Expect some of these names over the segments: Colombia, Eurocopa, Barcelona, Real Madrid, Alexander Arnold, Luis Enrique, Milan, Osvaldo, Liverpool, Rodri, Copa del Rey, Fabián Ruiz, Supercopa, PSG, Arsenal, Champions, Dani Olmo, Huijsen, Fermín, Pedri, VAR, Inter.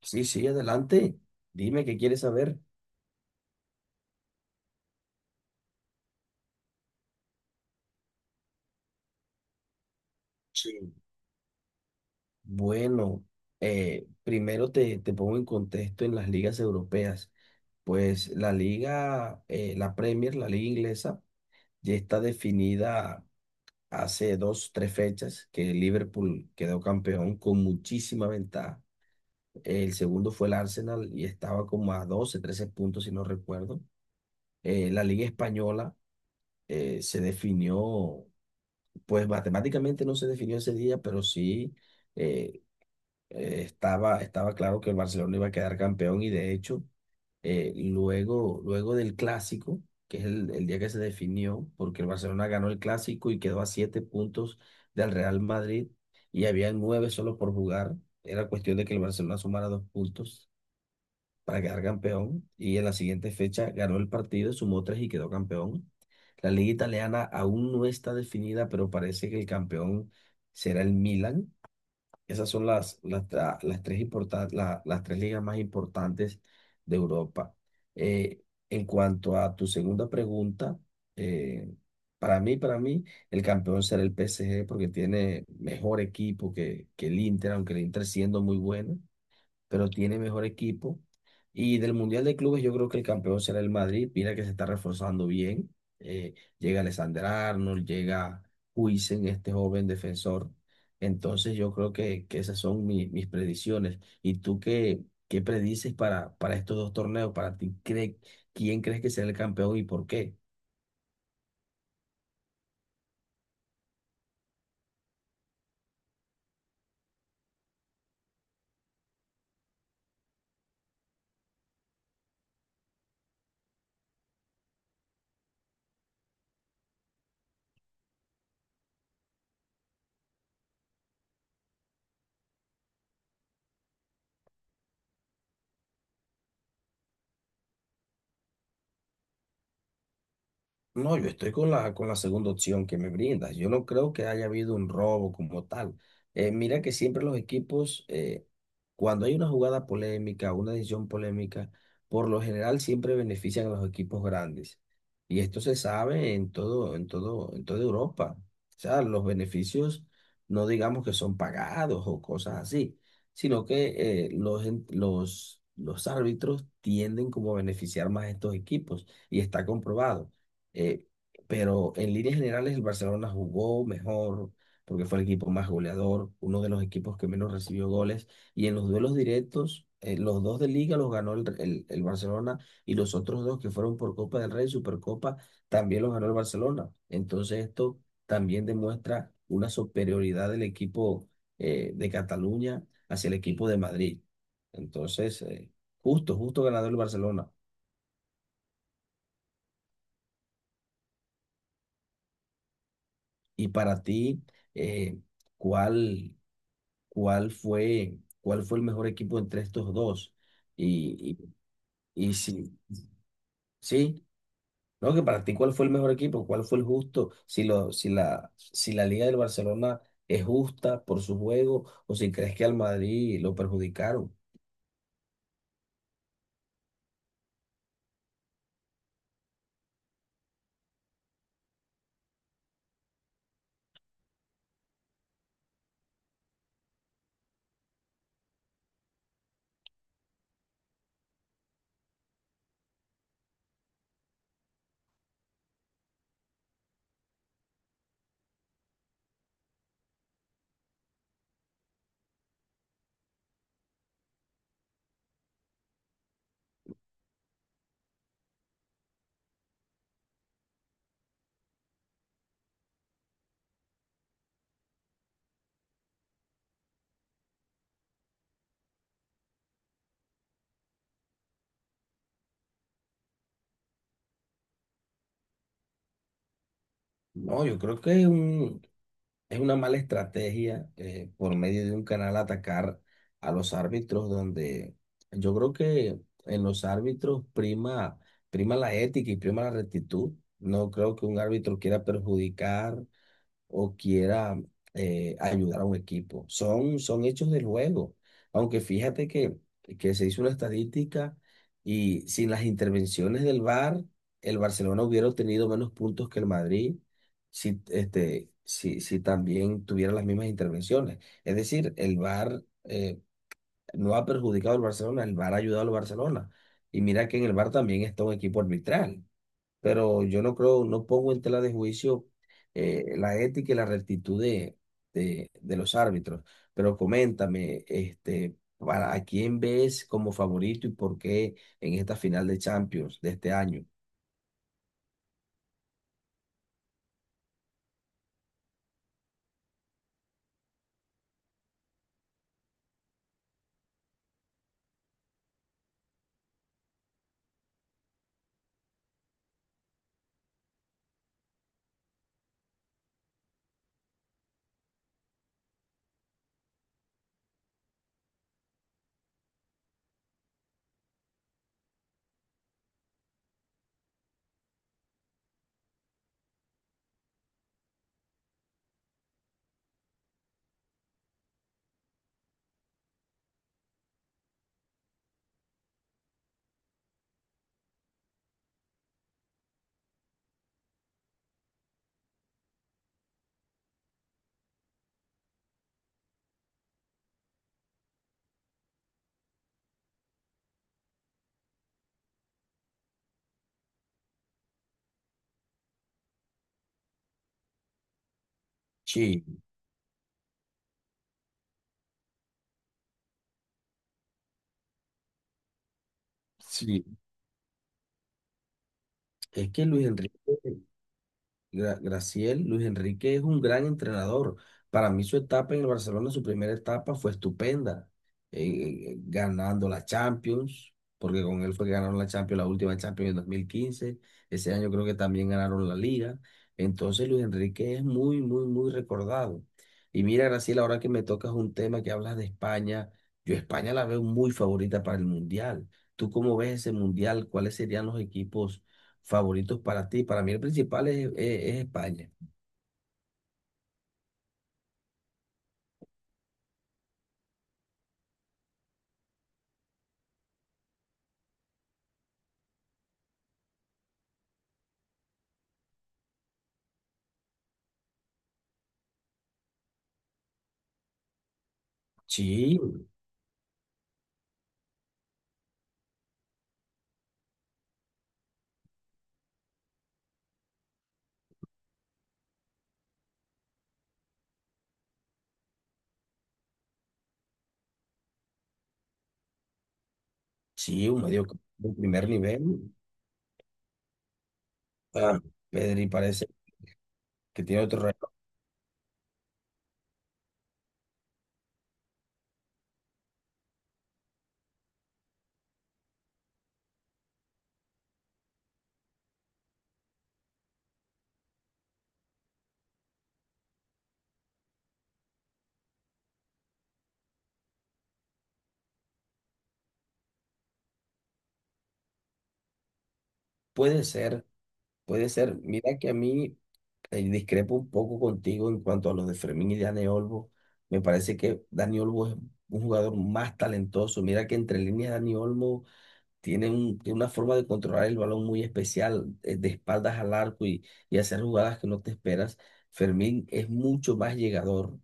Sí, sí, adelante. Dime qué quieres saber. Sí. Bueno, primero te pongo en contexto en las ligas europeas. Pues la liga, la Premier, la liga inglesa, ya está definida hace dos, tres fechas que el Liverpool quedó campeón con muchísima ventaja. El segundo fue el Arsenal y estaba como a 12, 13 puntos, si no recuerdo. La liga española se definió. Pues matemáticamente no se definió ese día, pero sí eh, estaba claro que el Barcelona iba a quedar campeón y de hecho, luego del clásico, que es el día que se definió, porque el Barcelona ganó el clásico y quedó a siete puntos del Real Madrid y había nueve solo por jugar, era cuestión de que el Barcelona sumara dos puntos para quedar campeón y en la siguiente fecha ganó el partido, sumó tres y quedó campeón. La liga italiana aún no está definida, pero parece que el campeón será el Milan. Esas son las tres ligas más importantes de Europa. Eh, en cuanto a tu segunda pregunta, eh, para mí, el campeón será el PSG porque tiene mejor equipo que el Inter, aunque el Inter siendo muy bueno pero tiene mejor equipo. Y del Mundial de Clubes yo creo que el campeón será el Madrid. Mira que se está reforzando bien. Eh, llega Alexander Arnold, llega Huijsen, este joven defensor. Entonces yo creo que esas son mis predicciones. ¿Y tú qué, qué predices para estos dos torneos? Para ti, cree ¿quién crees que será el campeón y por qué? No, yo estoy con la segunda opción que me brindas. Yo no creo que haya habido un robo como tal. Mira que siempre los equipos, cuando hay una jugada polémica, una decisión polémica, por lo general siempre benefician a los equipos grandes. Y esto se sabe en todo, en toda Europa. O sea, los beneficios no digamos que son pagados o cosas así, sino que los árbitros tienden como a beneficiar más a estos equipos y está comprobado. Eh, pero en líneas generales el Barcelona jugó mejor porque fue el equipo más goleador, uno de los equipos que menos recibió goles y en los duelos directos, los dos de Liga los ganó el Barcelona y los otros dos que fueron por Copa del Rey, Supercopa, también los ganó el Barcelona. Entonces esto también demuestra una superioridad del equipo de Cataluña hacia el equipo de Madrid. Entonces, justo ganador el Barcelona. Y para ti, eh, ¿cuál, cuál fue el mejor equipo entre estos dos? Y, y, y si, sí, ¿No? Que para ti, ¿cuál fue el mejor equipo? ¿Cuál fue el justo? Si la Liga del Barcelona es justa por su juego o si crees que al Madrid lo perjudicaron. No, yo creo que es un, Es una mala estrategia por medio de un canal atacar a los árbitros donde yo creo que en los árbitros prima la ética y prima la rectitud. No creo que un árbitro quiera perjudicar o quiera ayudar a un equipo. Son hechos del juego. Aunque fíjate que se hizo una estadística y sin las intervenciones del VAR, el Barcelona hubiera obtenido menos puntos que el Madrid si también tuviera las mismas intervenciones. Es decir, el VAR no ha perjudicado al Barcelona, el VAR ha ayudado al Barcelona. Y mira que en el VAR también está un equipo arbitral pero yo no creo, no pongo en tela de juicio la ética y la rectitud de los árbitros. Pero coméntame, este, para, ¿a quién ves como favorito y por qué en esta final de Champions de este año? Sí, sí, es que Graciel, Luis Enrique es un gran entrenador. Para mí su etapa en el Barcelona, su primera etapa fue estupenda, ganando la Champions, porque con él fue que ganaron la Champions, la última Champions en 2015. Ese año creo que también ganaron la Liga. Entonces Luis Enrique es muy, muy, muy recordado. Y mira, Graciel, ahora que me tocas un tema que hablas de España, yo España la veo muy favorita para el Mundial. ¿Tú cómo ves ese Mundial? ¿Cuáles serían los equipos favoritos para ti? Para mí el principal es España. Sí, sí, un medio de primer nivel. Ah, Pedri parece que tiene otro reto. Puede ser, puede ser. Mira que a mí discrepo un poco contigo en cuanto a los de Fermín y Dani Olmo. Me parece que Dani Olmo es un jugador más talentoso. Mira que entre líneas Dani Olmo tiene una forma de controlar el balón muy especial, de espaldas al arco y hacer jugadas que no te esperas. Fermín es mucho más llegador.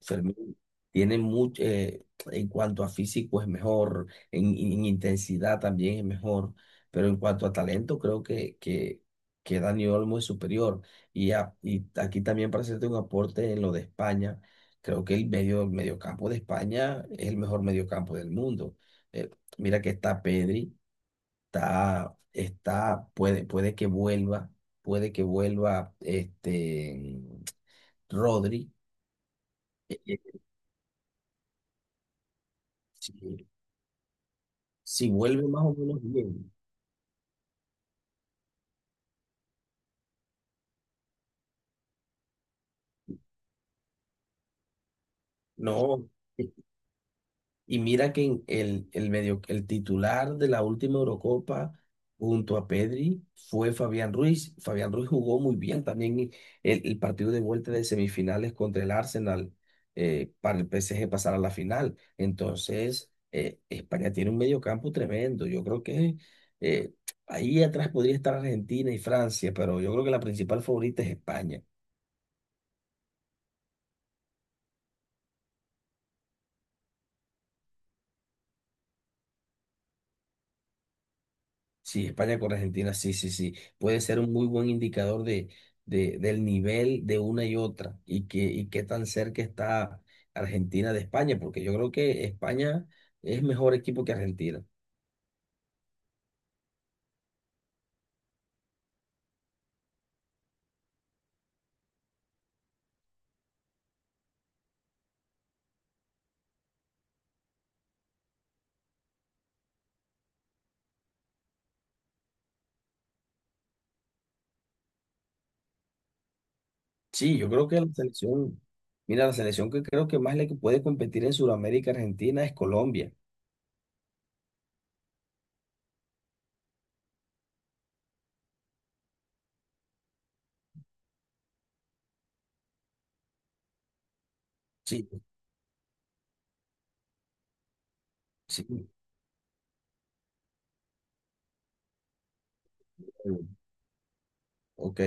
Fermín tiene mucho, en cuanto a físico es mejor, en intensidad también es mejor, pero en cuanto a talento creo que Dani Olmo es superior. Y aquí también para hacerte un aporte en lo de España, creo que el medio, el mediocampo de España es el mejor mediocampo del mundo. Eh, mira que está Pedri, está, está, puede, puede que vuelva, puede que vuelva este Rodri. eh, eh, sí, si vuelve más o menos bien. No. Y mira que en el medio, el titular de la última Eurocopa junto a Pedri fue Fabián Ruiz. Fabián Ruiz jugó muy bien también y el partido de vuelta de semifinales contra el Arsenal para el PSG pasar a la final. Entonces, España tiene un mediocampo tremendo. Yo creo que eh, ahí atrás podría estar Argentina y Francia, pero yo creo que la principal favorita es España. Sí, España con Argentina, sí, sí, sí. Puede ser un muy buen indicador de, del nivel de una y otra y y qué tan cerca está Argentina de España, porque yo creo que España es mejor equipo que Argentina. Sí, yo creo que la selección, mira, la selección que creo que más le puede competir en Sudamérica Argentina es Colombia. Sí, sí. Ok.